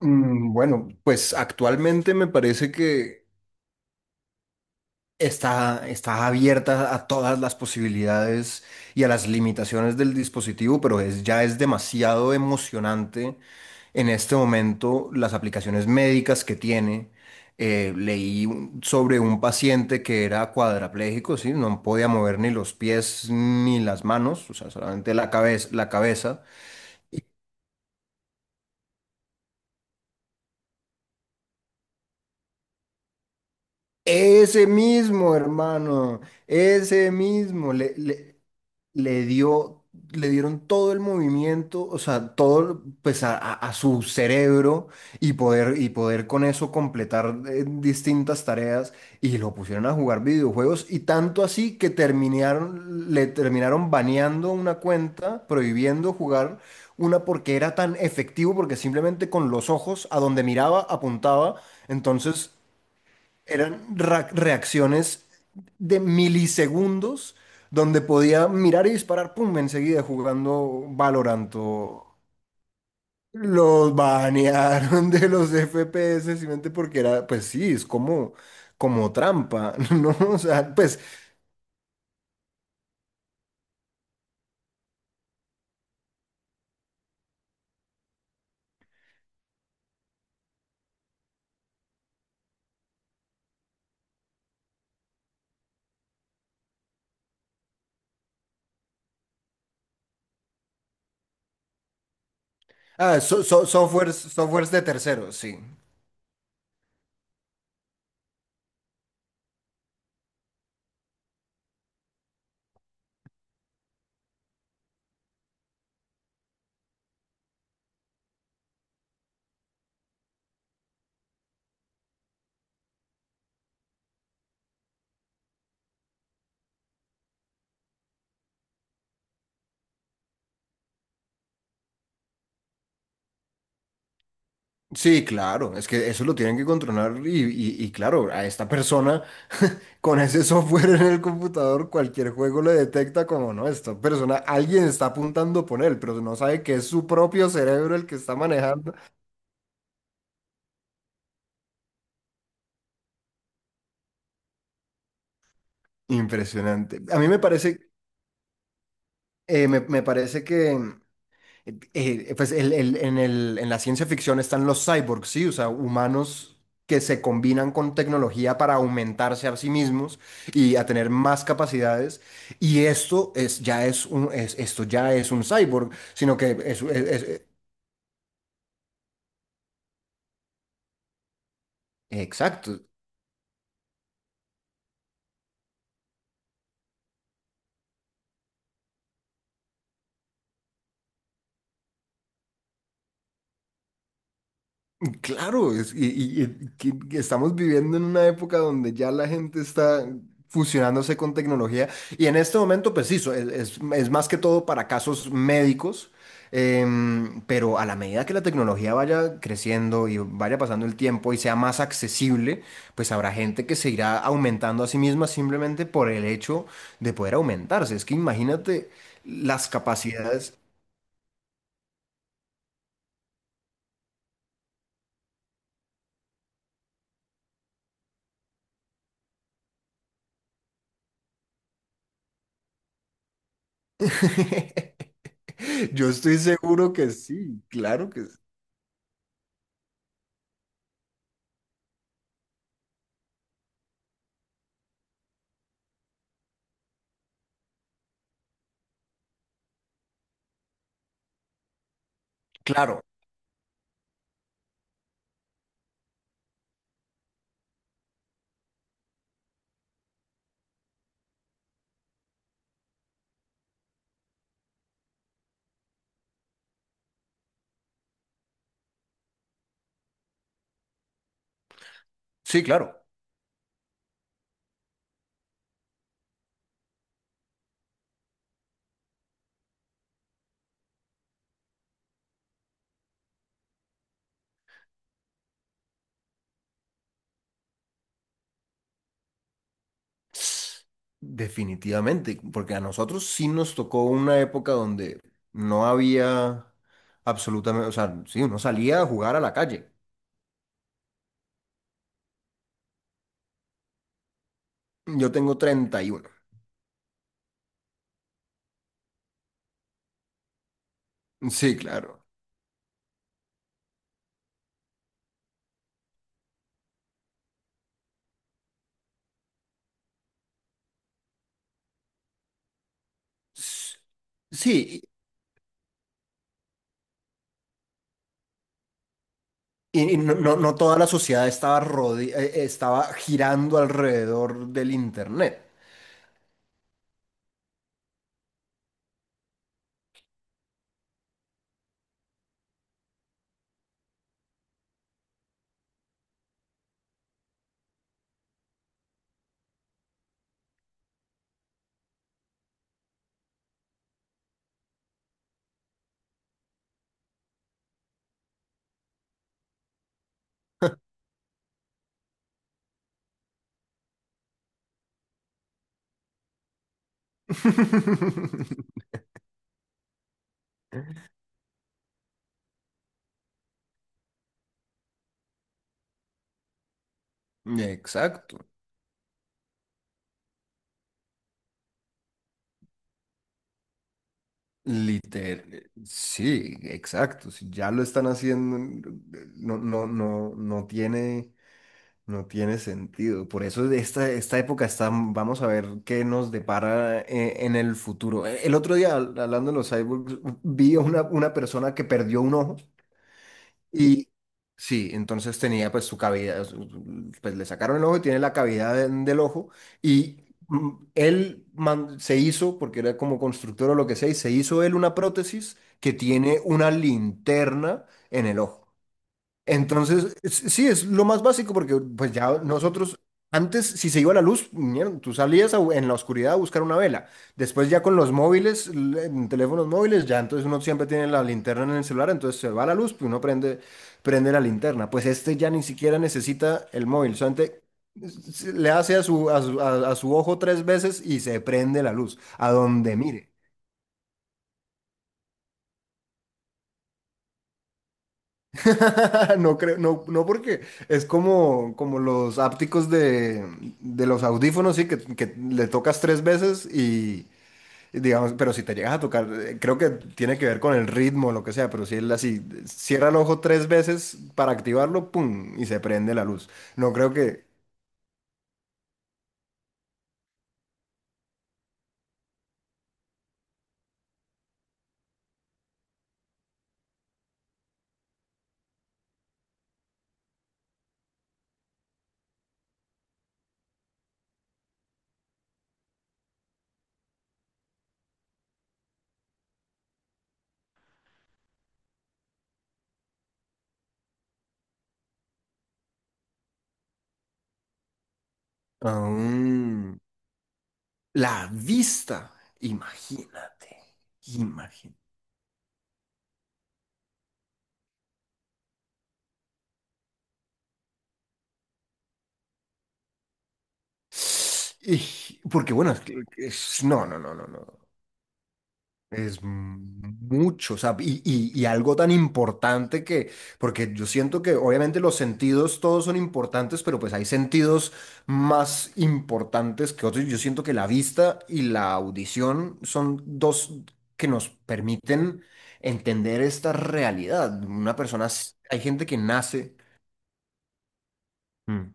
Bueno, pues actualmente me parece que está abierta a todas las posibilidades y a las limitaciones del dispositivo, pero es, ya es demasiado emocionante en este momento las aplicaciones médicas que tiene. Sobre un paciente que era cuadrapléjico, ¿sí? No podía mover ni los pies ni las manos, o sea, solamente la cabeza, la cabeza. Ese mismo, hermano, ese mismo. le dio, Le dieron todo el movimiento, o sea, todo pues a su cerebro y poder con eso completar distintas tareas, y lo pusieron a jugar videojuegos, y tanto así que terminaron baneando una cuenta, prohibiendo jugar una porque era tan efectivo, porque simplemente con los ojos a donde miraba apuntaba, entonces... reacciones de milisegundos donde podía mirar y disparar, pum, enseguida jugando Valorant. O los banearon de los FPS simplemente porque era, pues sí, es como, como trampa, ¿no? O sea, pues, softwares, softwares de terceros, sí. Sí, claro, es que eso lo tienen que controlar, y claro, a esta persona con ese software en el computador, cualquier juego le detecta como no, esta persona, alguien está apuntando por él, pero no sabe que es su propio cerebro el que está manejando. Impresionante. A mí me parece, me parece que pues en la ciencia ficción están los cyborgs, ¿sí? O sea, humanos que se combinan con tecnología para aumentarse a sí mismos y a tener más capacidades. Y esto es, ya es un, esto ya es un cyborg, sino que es, es- Exacto. Claro, y que estamos viviendo en una época donde ya la gente está fusionándose con tecnología, y en este momento, pues sí, es más que todo para casos médicos, pero a la medida que la tecnología vaya creciendo y vaya pasando el tiempo y sea más accesible, pues habrá gente que se irá aumentando a sí misma simplemente por el hecho de poder aumentarse. Es que imagínate las capacidades. Yo estoy seguro que sí. Claro, sí, claro. Definitivamente, porque a nosotros sí nos tocó una época donde no había absolutamente, o sea, sí, uno salía a jugar a la calle. Yo tengo 31. Sí, claro. S- Sí, no toda la sociedad estaba, estaba girando alrededor del internet. Exacto. Liter, sí, exacto. Si ya lo están haciendo, no tiene, no tiene sentido. Por eso de esta, esta época está, vamos a ver qué nos depara en el futuro. El otro día, hablando de los cyborgs, vi a una persona que perdió un ojo y sí, entonces tenía pues su cavidad, pues le sacaron el ojo y tiene la cavidad del ojo y se hizo, porque era como constructor o lo que sea, y se hizo él una prótesis que tiene una linterna en el ojo. Entonces, sí, es lo más básico porque pues ya nosotros, antes si se iba la luz, mierda, tú salías a en la oscuridad a buscar una vela. Después ya con los móviles, en teléfonos móviles, ya entonces uno siempre tiene la linterna en el celular, entonces se va la luz, pues uno prende, prende la linterna. Pues este ya ni siquiera necesita el móvil, solamente le hace a a su ojo tres veces y se prende la luz, a donde mire. No creo, no, no porque es como, como los ápticos de los audífonos, sí, que le tocas tres veces, y digamos, pero si te llegas a tocar, creo que tiene que ver con el ritmo o lo que sea, pero si él así cierra el ojo tres veces para activarlo, ¡pum! Y se prende la luz. No creo que... Aún la vista, imagínate, imagínate. Porque bueno, no, no, no, no, no. Es mucho, o sea, y algo tan importante que, porque yo siento que obviamente los sentidos todos son importantes, pero pues hay sentidos más importantes que otros. Yo siento que la vista y la audición son dos que nos permiten entender esta realidad. Una persona, hay gente que nace. Mm,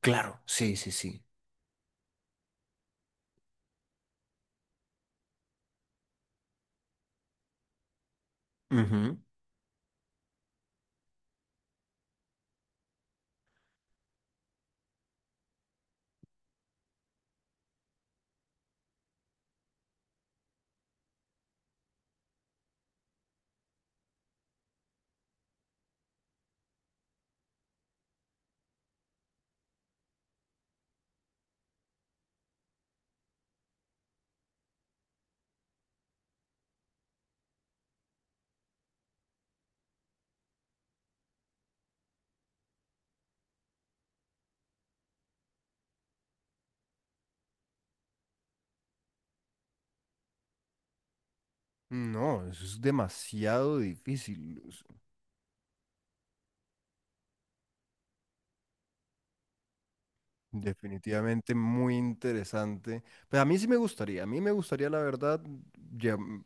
claro, sí, sí, sí. Ujú. No, eso es demasiado difícil. Definitivamente muy interesante. Pues a mí sí me gustaría, a mí me gustaría, la verdad, ya,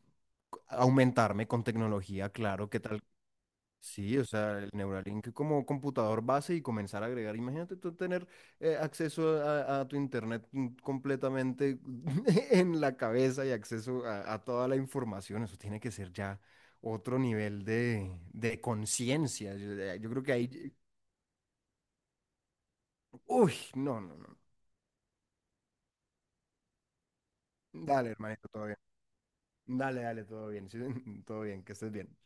aumentarme con tecnología, claro, ¿qué tal? Sí, o sea, el Neuralink como computador base y comenzar a agregar. Imagínate tú tener acceso a tu internet completamente en la cabeza y acceso a toda la información. Eso tiene que ser ya otro nivel de conciencia. Yo, yo creo que ahí... Uy, no, no, no. Dale, hermanito, todavía. Dale, dale, todo bien, todo bien, que estés bien.